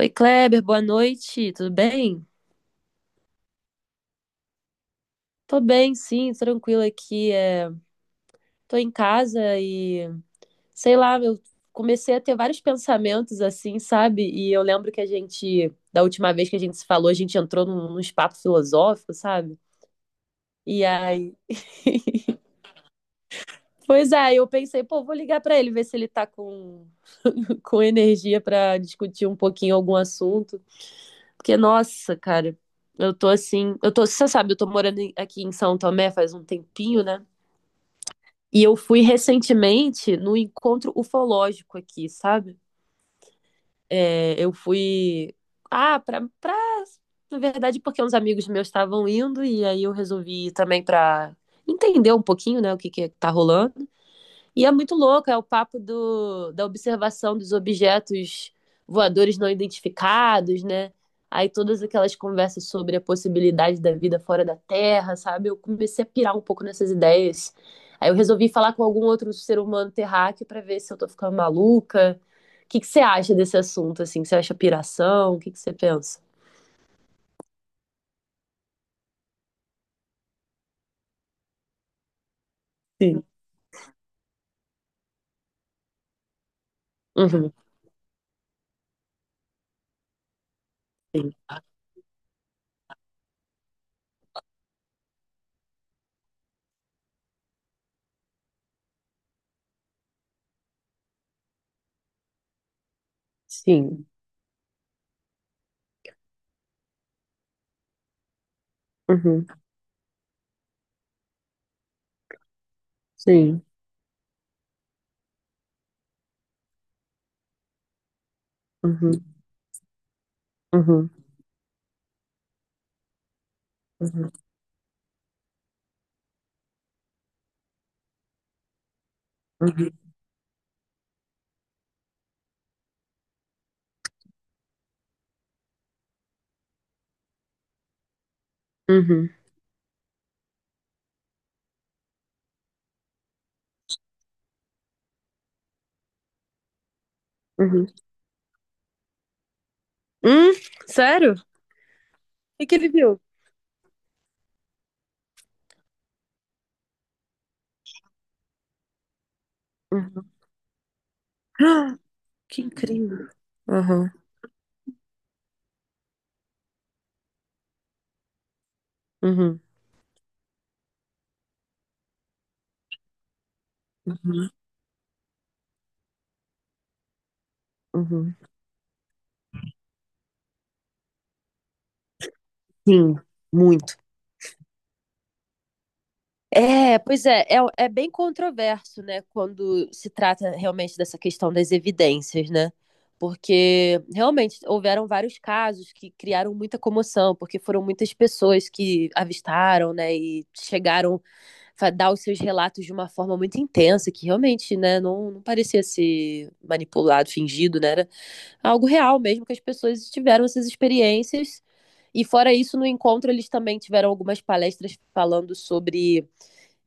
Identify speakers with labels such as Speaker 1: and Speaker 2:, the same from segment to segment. Speaker 1: Oi, Kleber, boa noite, tudo bem? Tô bem, sim, tranquila aqui. Tô em casa e, sei lá, eu comecei a ter vários pensamentos assim, sabe? E eu lembro que a gente, da última vez que a gente se falou, a gente entrou nos papos filosóficos, sabe? E aí, pois é, eu pensei, pô, vou ligar pra ele, ver se ele com energia pra discutir um pouquinho algum assunto. Porque, nossa, cara, eu tô, você sabe, eu tô aqui em São Tomé faz um tempinho, né? E eu fui recentemente no encontro ufológico aqui, sabe? É, eu fui. Ah, pra, pra. Na verdade, porque uns amigos meus estavam indo, e aí eu resolvi ir também pra entender um pouquinho, né, o que que tá rolando. E é muito louco, é o papo da observação dos objetos voadores não identificados, né? Aí todas aquelas conversas sobre a possibilidade da vida fora da Terra, sabe? Eu comecei a pirar um pouco nessas ideias. Aí eu resolvi falar com algum outro ser humano terráqueo para ver se eu tô ficando maluca. O que que você acha desse assunto, assim? Você acha piração? O que que você pensa? Sim, uhum, sim, sim, uhum, sim, uhum, uhum, uhum, uhum, uhum, uhum, hum, sério? O que que ele viu? Uhum. Ah, que incrível. Aham, uhum, uhum, uhum. Sim, muito. É, pois é, é, é bem controverso, né, quando se trata realmente dessa questão das evidências, né? Porque realmente houveram vários casos que criaram muita comoção, porque foram muitas pessoas que avistaram, né, e chegaram a dar os seus relatos de uma forma muito intensa, que realmente, né, não parecia ser manipulado, fingido, né? Era algo real mesmo, que as pessoas tiveram essas experiências. E fora isso, no encontro eles também tiveram algumas palestras falando sobre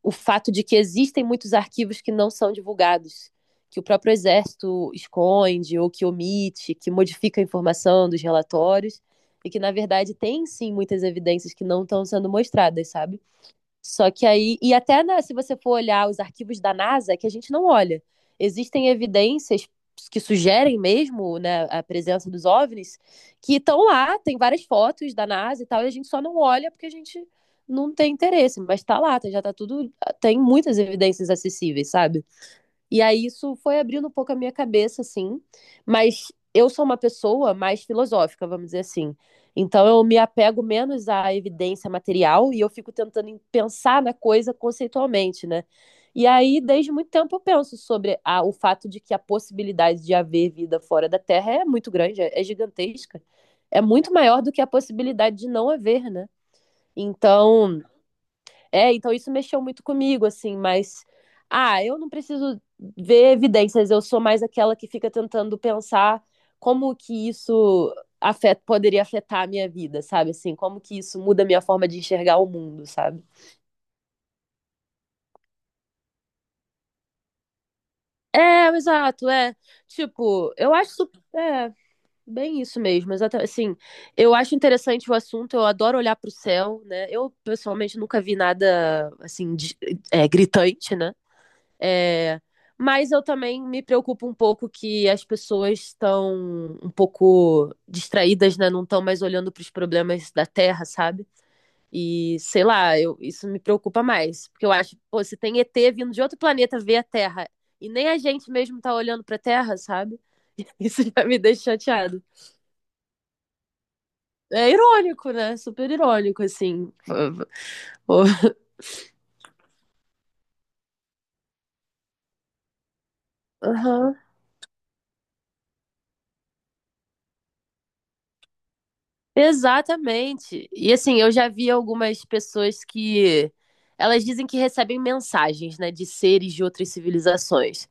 Speaker 1: o fato de que existem muitos arquivos que não são divulgados, que o próprio Exército esconde ou que omite, que modifica a informação dos relatórios, e que, na verdade, tem sim muitas evidências que não estão sendo mostradas, sabe? Só que aí, e se você for olhar os arquivos da NASA, que a gente não olha, existem evidências que sugerem mesmo, né, a presença dos OVNIs, que estão lá, tem várias fotos da NASA e tal, e a gente só não olha porque a gente não tem interesse, mas tá lá, já tá tudo, tem muitas evidências acessíveis, sabe? E aí isso foi abrindo um pouco a minha cabeça, assim. Mas eu sou uma pessoa mais filosófica, vamos dizer assim. Então eu me apego menos à evidência material e eu fico pensar na coisa conceitualmente, né? E aí, desde muito tempo, eu penso sobre o fato de que a possibilidade de haver vida fora da Terra é muito grande, é gigantesca. É muito maior do que a possibilidade de não haver, né? Então, é, então isso mexeu muito comigo, assim, mas. Ah, eu não preciso ver evidências, eu sou mais aquela que fica tentando pensar como que isso afeta, poderia afetar a minha vida, sabe? Assim, como que isso muda a minha forma de enxergar o mundo, sabe? É, exato, é. Tipo, eu acho super, é, bem isso mesmo, exatamente. Assim, eu acho interessante o assunto, eu adoro olhar pro céu, né? Eu, pessoalmente, nunca vi nada, assim, é, gritante, né? É, mas eu também me preocupo um pouco que as pessoas estão um pouco distraídas, né? Não estão mais olhando para os problemas da Terra, sabe? E sei lá, eu, isso me preocupa mais. Porque eu acho, pô, se tem ET vindo de outro planeta ver a Terra e nem a gente mesmo tá olhando pra Terra, sabe? Isso já me deixa chateado. É irônico, né? Super irônico, assim. Aham. Exatamente. E assim, eu já vi algumas pessoas que elas dizem que recebem mensagens, né, de seres de outras civilizações.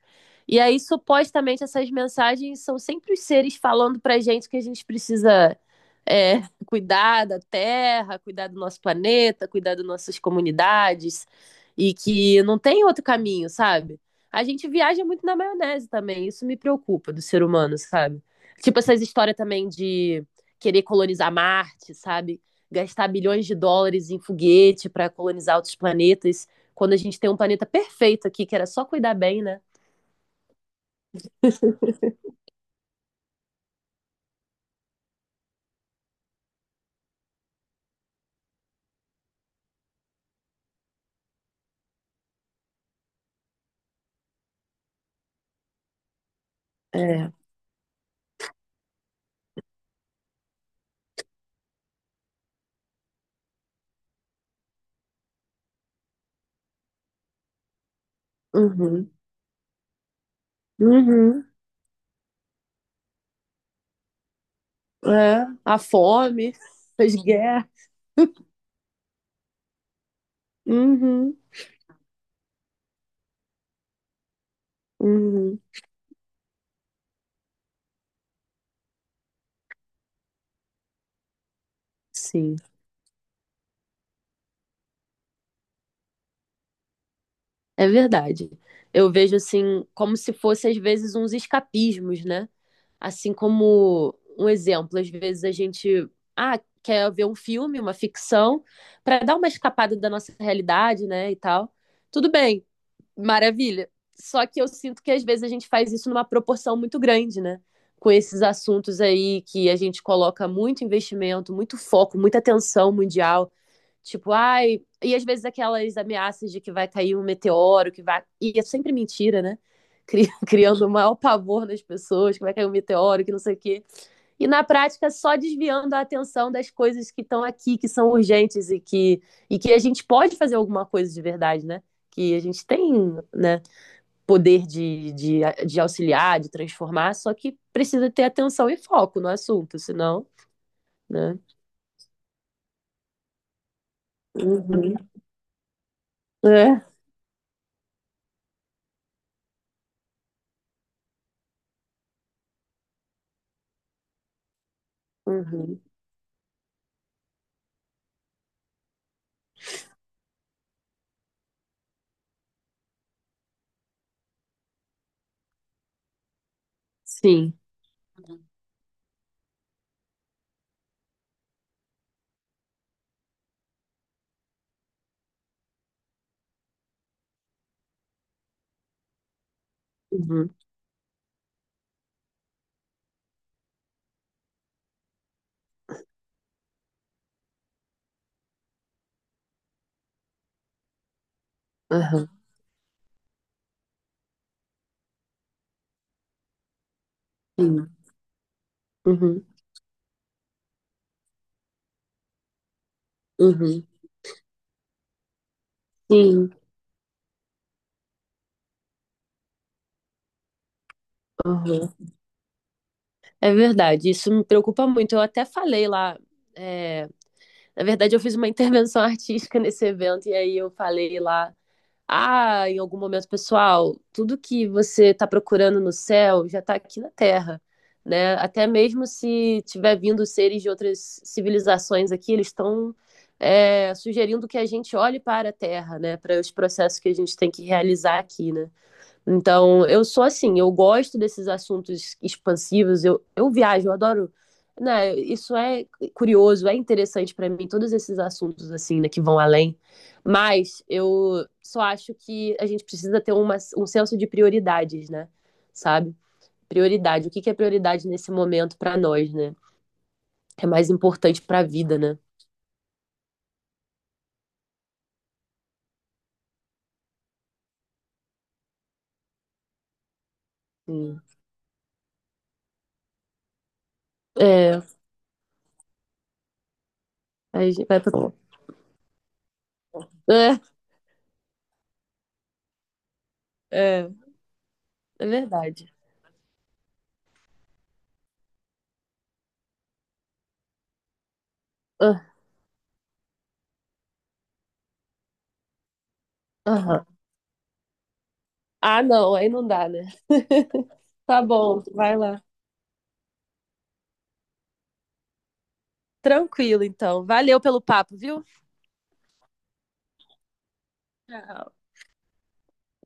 Speaker 1: E aí, supostamente, essas mensagens são sempre os seres falando pra gente que a gente precisa é, cuidar da Terra, cuidar do nosso planeta, cuidar das nossas comunidades, e que não tem outro caminho, sabe? A gente viaja muito na maionese também, isso me preocupa do ser humano, sabe? Tipo, essas histórias também de querer colonizar Marte, sabe? Gastar bilhões de dólares em foguete para colonizar outros planetas, quando a gente tem um planeta perfeito aqui, que era só cuidar bem, né? É. Uhum. Uhum. É. A fome, as guerras. Uhum. Uhum. Sim, é verdade. Eu vejo assim, como se fossem às vezes uns escapismos, né? Assim como um exemplo, às vezes a gente ah, quer ver um filme, uma ficção, para dar uma escapada da nossa realidade, né, e tal. Tudo bem, maravilha. Só que eu sinto que às vezes a gente faz isso numa proporção muito grande, né? Com esses assuntos aí que a gente coloca muito investimento, muito foco, muita atenção mundial, tipo, ai. E às vezes aquelas ameaças de que vai cair um meteoro, que vai. E é sempre mentira, né? Criando o maior pavor nas pessoas, que vai cair um meteoro, que não sei o quê. E na prática, só desviando a atenção das coisas que estão aqui, que são urgentes e que a gente pode fazer alguma coisa de verdade, né? Que a gente tem, né, poder de auxiliar, de transformar, só que precisa ter atenção e foco no assunto, senão, né? Uhum. É. Uhum. Sim. Uhum, aham, sim, uhum, uhum, sim, aham. É verdade, isso me preocupa muito. Eu até falei lá, é, na verdade, eu fiz uma intervenção artística nesse evento, e aí eu falei lá, ah, em algum momento, pessoal, tudo que você está procurando no céu já está aqui na Terra, né? Até mesmo se tiver vindo seres de outras civilizações aqui, eles estão. É, sugerindo que a gente olhe para a Terra, né, para os processos que a gente tem que realizar aqui, né? Então, eu sou assim, eu gosto desses assuntos expansivos, eu viajo, eu adoro, né? Isso é curioso, é interessante para mim, todos esses assuntos assim, né, que vão além. Mas eu só acho que a gente precisa ter uma, um senso de prioridades, né? Sabe? Prioridade, o que que é prioridade nesse momento para nós, né? É mais importante para a vida, né? Hum. É, a gente vai pra... É, é, é verdade. Ah, aham. Ah, não, aí não dá, né? Tá bom, vai lá. Tranquilo, então. Valeu pelo papo, viu? Tchau.